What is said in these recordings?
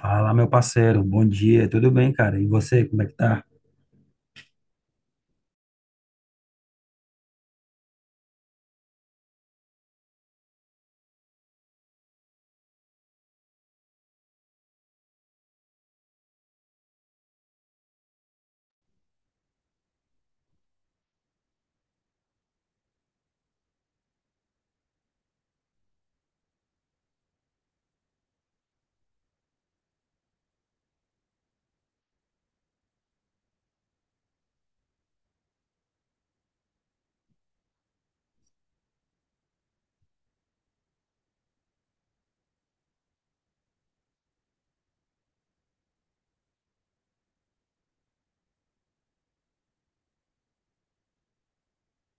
Fala, meu parceiro, bom dia, tudo bem, cara? E você, como é que tá?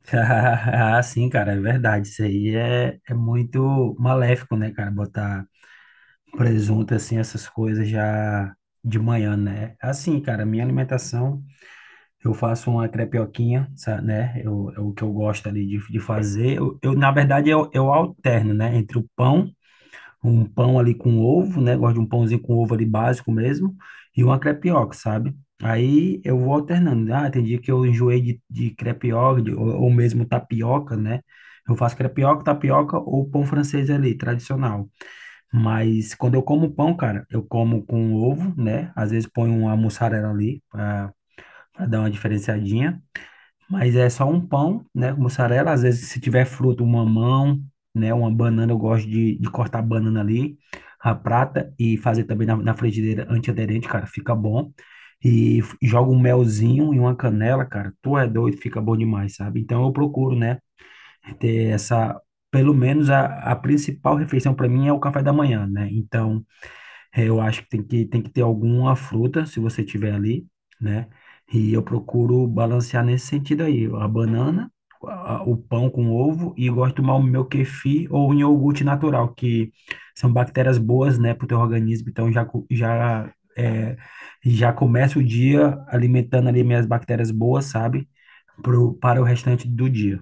Ah, sim, cara, é verdade. Isso aí é muito maléfico, né, cara? Botar presunto, assim, essas coisas já de manhã, né? Assim, cara, minha alimentação, eu faço uma crepioquinha, né? É o que eu gosto ali de fazer. Na verdade, eu alterno, né? Entre o pão um pão ali com ovo, né? Gosto de um pãozinho com ovo ali básico mesmo, e uma crepioca, sabe? Aí eu vou alternando. Ah, tem dia que eu enjoei de crepioca, ou mesmo tapioca, né? Eu faço crepioca, tapioca ou pão francês ali, tradicional. Mas quando eu como pão, cara, eu como com ovo, né? Às vezes ponho uma mussarela ali para dar uma diferenciadinha. Mas é só um pão, né, com mussarela. Às vezes, se tiver fruta, um mamão, né, uma banana, eu gosto de cortar a banana ali, a prata, e fazer também na, na frigideira antiaderente, cara, fica bom. E joga um melzinho e uma canela, cara, tu é doido, fica bom demais, sabe? Então eu procuro, né, ter essa, pelo menos a principal refeição para mim é o café da manhã, né? Então, é, eu acho que tem tem que ter alguma fruta, se você tiver ali, né? E eu procuro balancear nesse sentido aí, a banana, o pão com ovo e gosto de tomar o meu kefir ou um iogurte natural, que são bactérias boas, né, para o teu organismo. Então já, já, é, já começa o dia alimentando ali minhas bactérias boas, sabe? Para o restante do dia.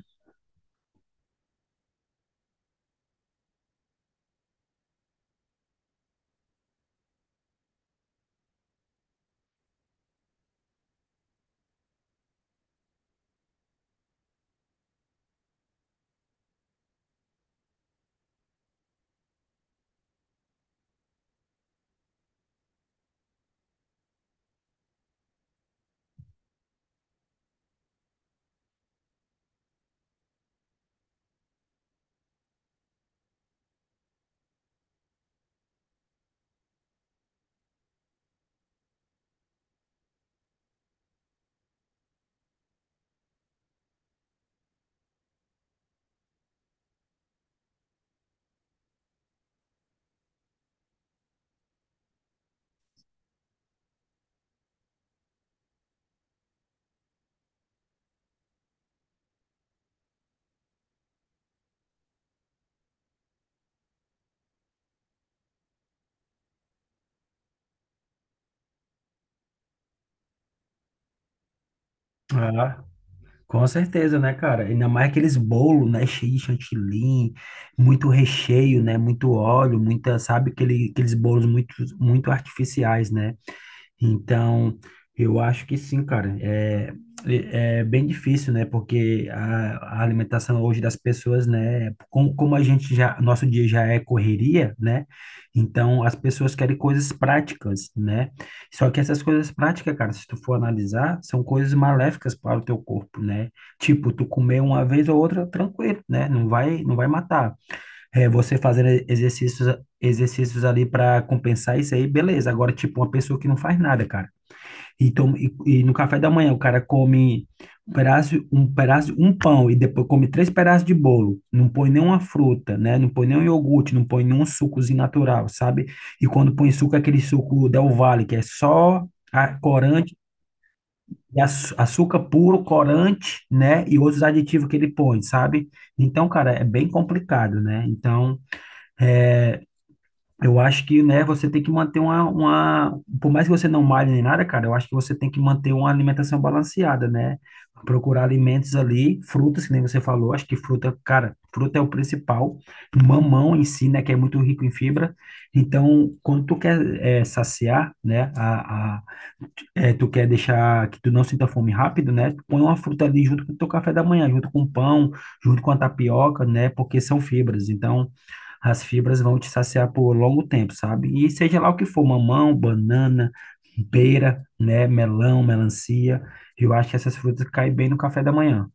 Com certeza, né, cara? Ainda mais aqueles bolos, né, cheio de chantilly, muito recheio, né, muito óleo, muita, sabe, aqueles bolos muito artificiais, né? Então, eu acho que sim, cara. É, é bem difícil, né? Porque a alimentação hoje das pessoas, né? Como a gente já, nosso dia já é correria, né? Então, as pessoas querem coisas práticas, né? Só que essas coisas práticas, cara, se tu for analisar, são coisas maléficas para o teu corpo, né? Tipo, tu comer uma vez ou outra, tranquilo, né? Não vai matar. É, você fazendo exercícios ali para compensar isso aí, beleza. Agora, tipo, uma pessoa que não faz nada, cara. E no café da manhã o cara come um pedaço, um pão e depois come três pedaços de bolo. Não põe nenhuma fruta, né? Não põe nenhum iogurte, não põe nenhum sucozinho natural, sabe? E quando põe suco, é aquele suco Del Valle, que é só a corante, e açúcar puro, corante, né? E outros aditivos que ele põe, sabe? Então, cara, é bem complicado, né? Então. É, eu acho que, né, você tem que manter uma, por mais que você não malhe nem nada, cara, eu acho que você tem que manter uma alimentação balanceada, né? Procurar alimentos ali, frutas, que nem você falou, acho que fruta, cara, fruta é o principal, mamão em si, né, que é muito rico em fibra. Então, quando tu quer saciar, né, a, é, tu quer deixar que tu não sinta fome rápido, né? Tu põe uma fruta ali junto com o teu café da manhã, junto com o pão, junto com a tapioca, né? Porque são fibras. Então, as fibras vão te saciar por longo tempo, sabe? E seja lá o que for, mamão, banana, pera, né? Melão, melancia. Eu acho que essas frutas caem bem no café da manhã.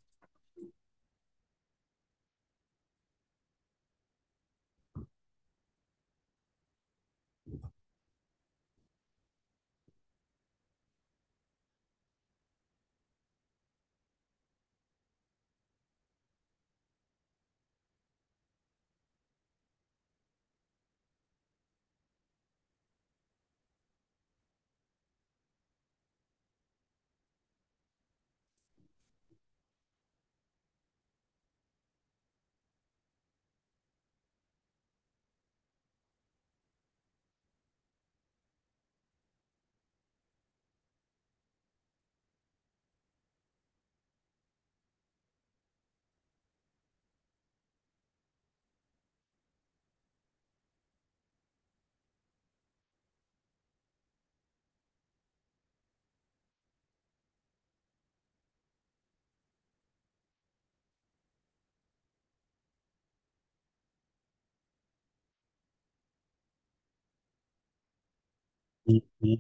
E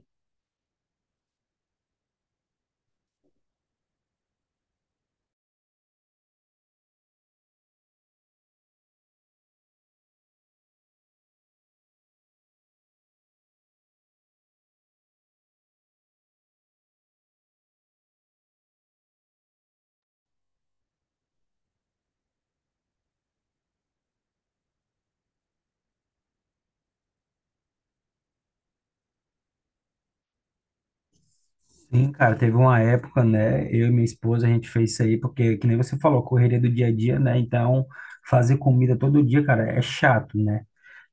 sim, cara, teve uma época, né? Eu e minha esposa, a gente fez isso aí, porque, que nem você falou, correria do dia a dia, né? Então, fazer comida todo dia, cara, é chato, né?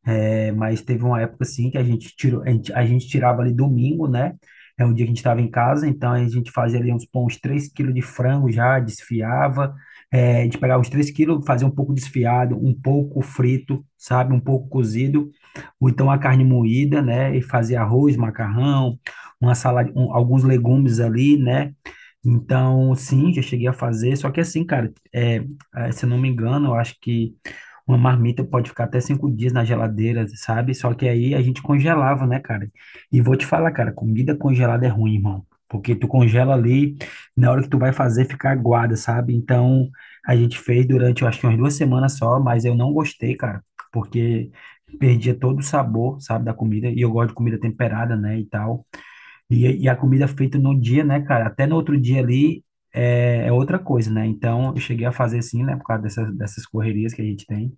É, mas teve uma época assim que a gente tirou, a gente tirava ali domingo, né? É um dia que a gente estava em casa, então a gente fazia ali uns, pô, uns 3 quilos de frango já, desfiava. É, a gente pegava os 3 quilos, fazia um pouco desfiado, um pouco frito, sabe? Um pouco cozido, ou então a carne moída, né? E fazia arroz, macarrão, uma salada, alguns legumes ali, né? Então, sim, já cheguei a fazer, só que assim, cara, se eu não me engano, eu acho que uma marmita pode ficar até 5 dias na geladeira, sabe? Só que aí a gente congelava, né, cara? E vou te falar, cara, comida congelada é ruim, irmão, porque tu congela ali, na hora que tu vai fazer, fica aguada, sabe? Então, a gente fez durante, eu acho que umas 2 semanas só, mas eu não gostei, cara, porque perdia todo o sabor, sabe, da comida, e eu gosto de comida temperada, né, e tal. E a comida feita num dia, né, cara? Até no outro dia ali é outra coisa, né? Então eu cheguei a fazer assim, né? Por causa dessas correrias que a gente tem.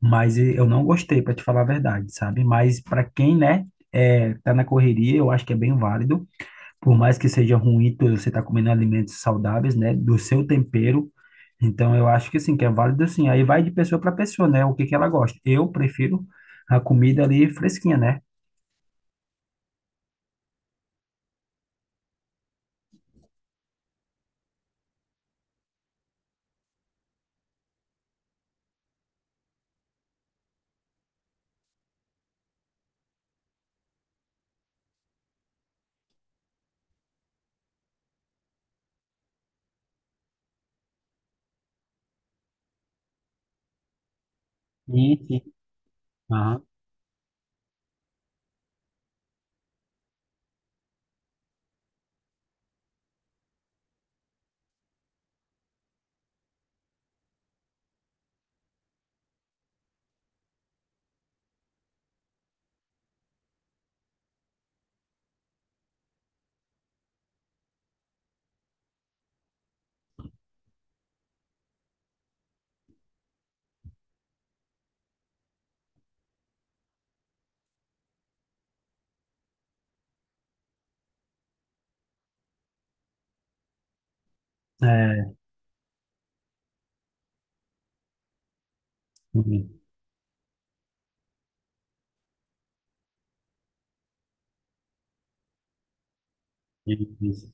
Mas eu não gostei, para te falar a verdade, sabe? Mas para quem, né, é, tá na correria, eu acho que é bem válido. Por mais que seja ruim, você tá comendo alimentos saudáveis, né? Do seu tempero. Então eu acho que sim, que é válido assim. Aí vai de pessoa para pessoa, né? O que que ela gosta. Eu prefiro a comida ali fresquinha, né? Sim, sim. Aham. É, uhum. Isso.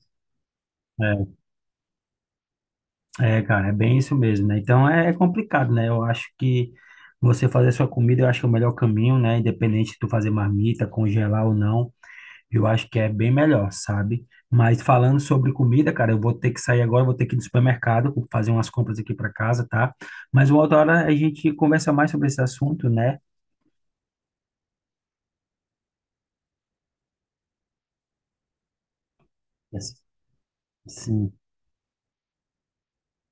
É, é, cara, é bem isso mesmo, né? Então é complicado, né? Eu acho que você fazer sua comida, eu acho que é o melhor caminho, né? Independente de tu fazer marmita, congelar ou não, eu acho que é bem melhor, sabe? Mas falando sobre comida, cara, eu vou ter que sair agora, eu vou ter que ir no supermercado, vou fazer umas compras aqui para casa, tá? Mas uma outra hora a gente conversa mais sobre esse assunto, né? Sim,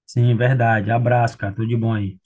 sim, verdade. Abraço, cara. Tudo de bom aí.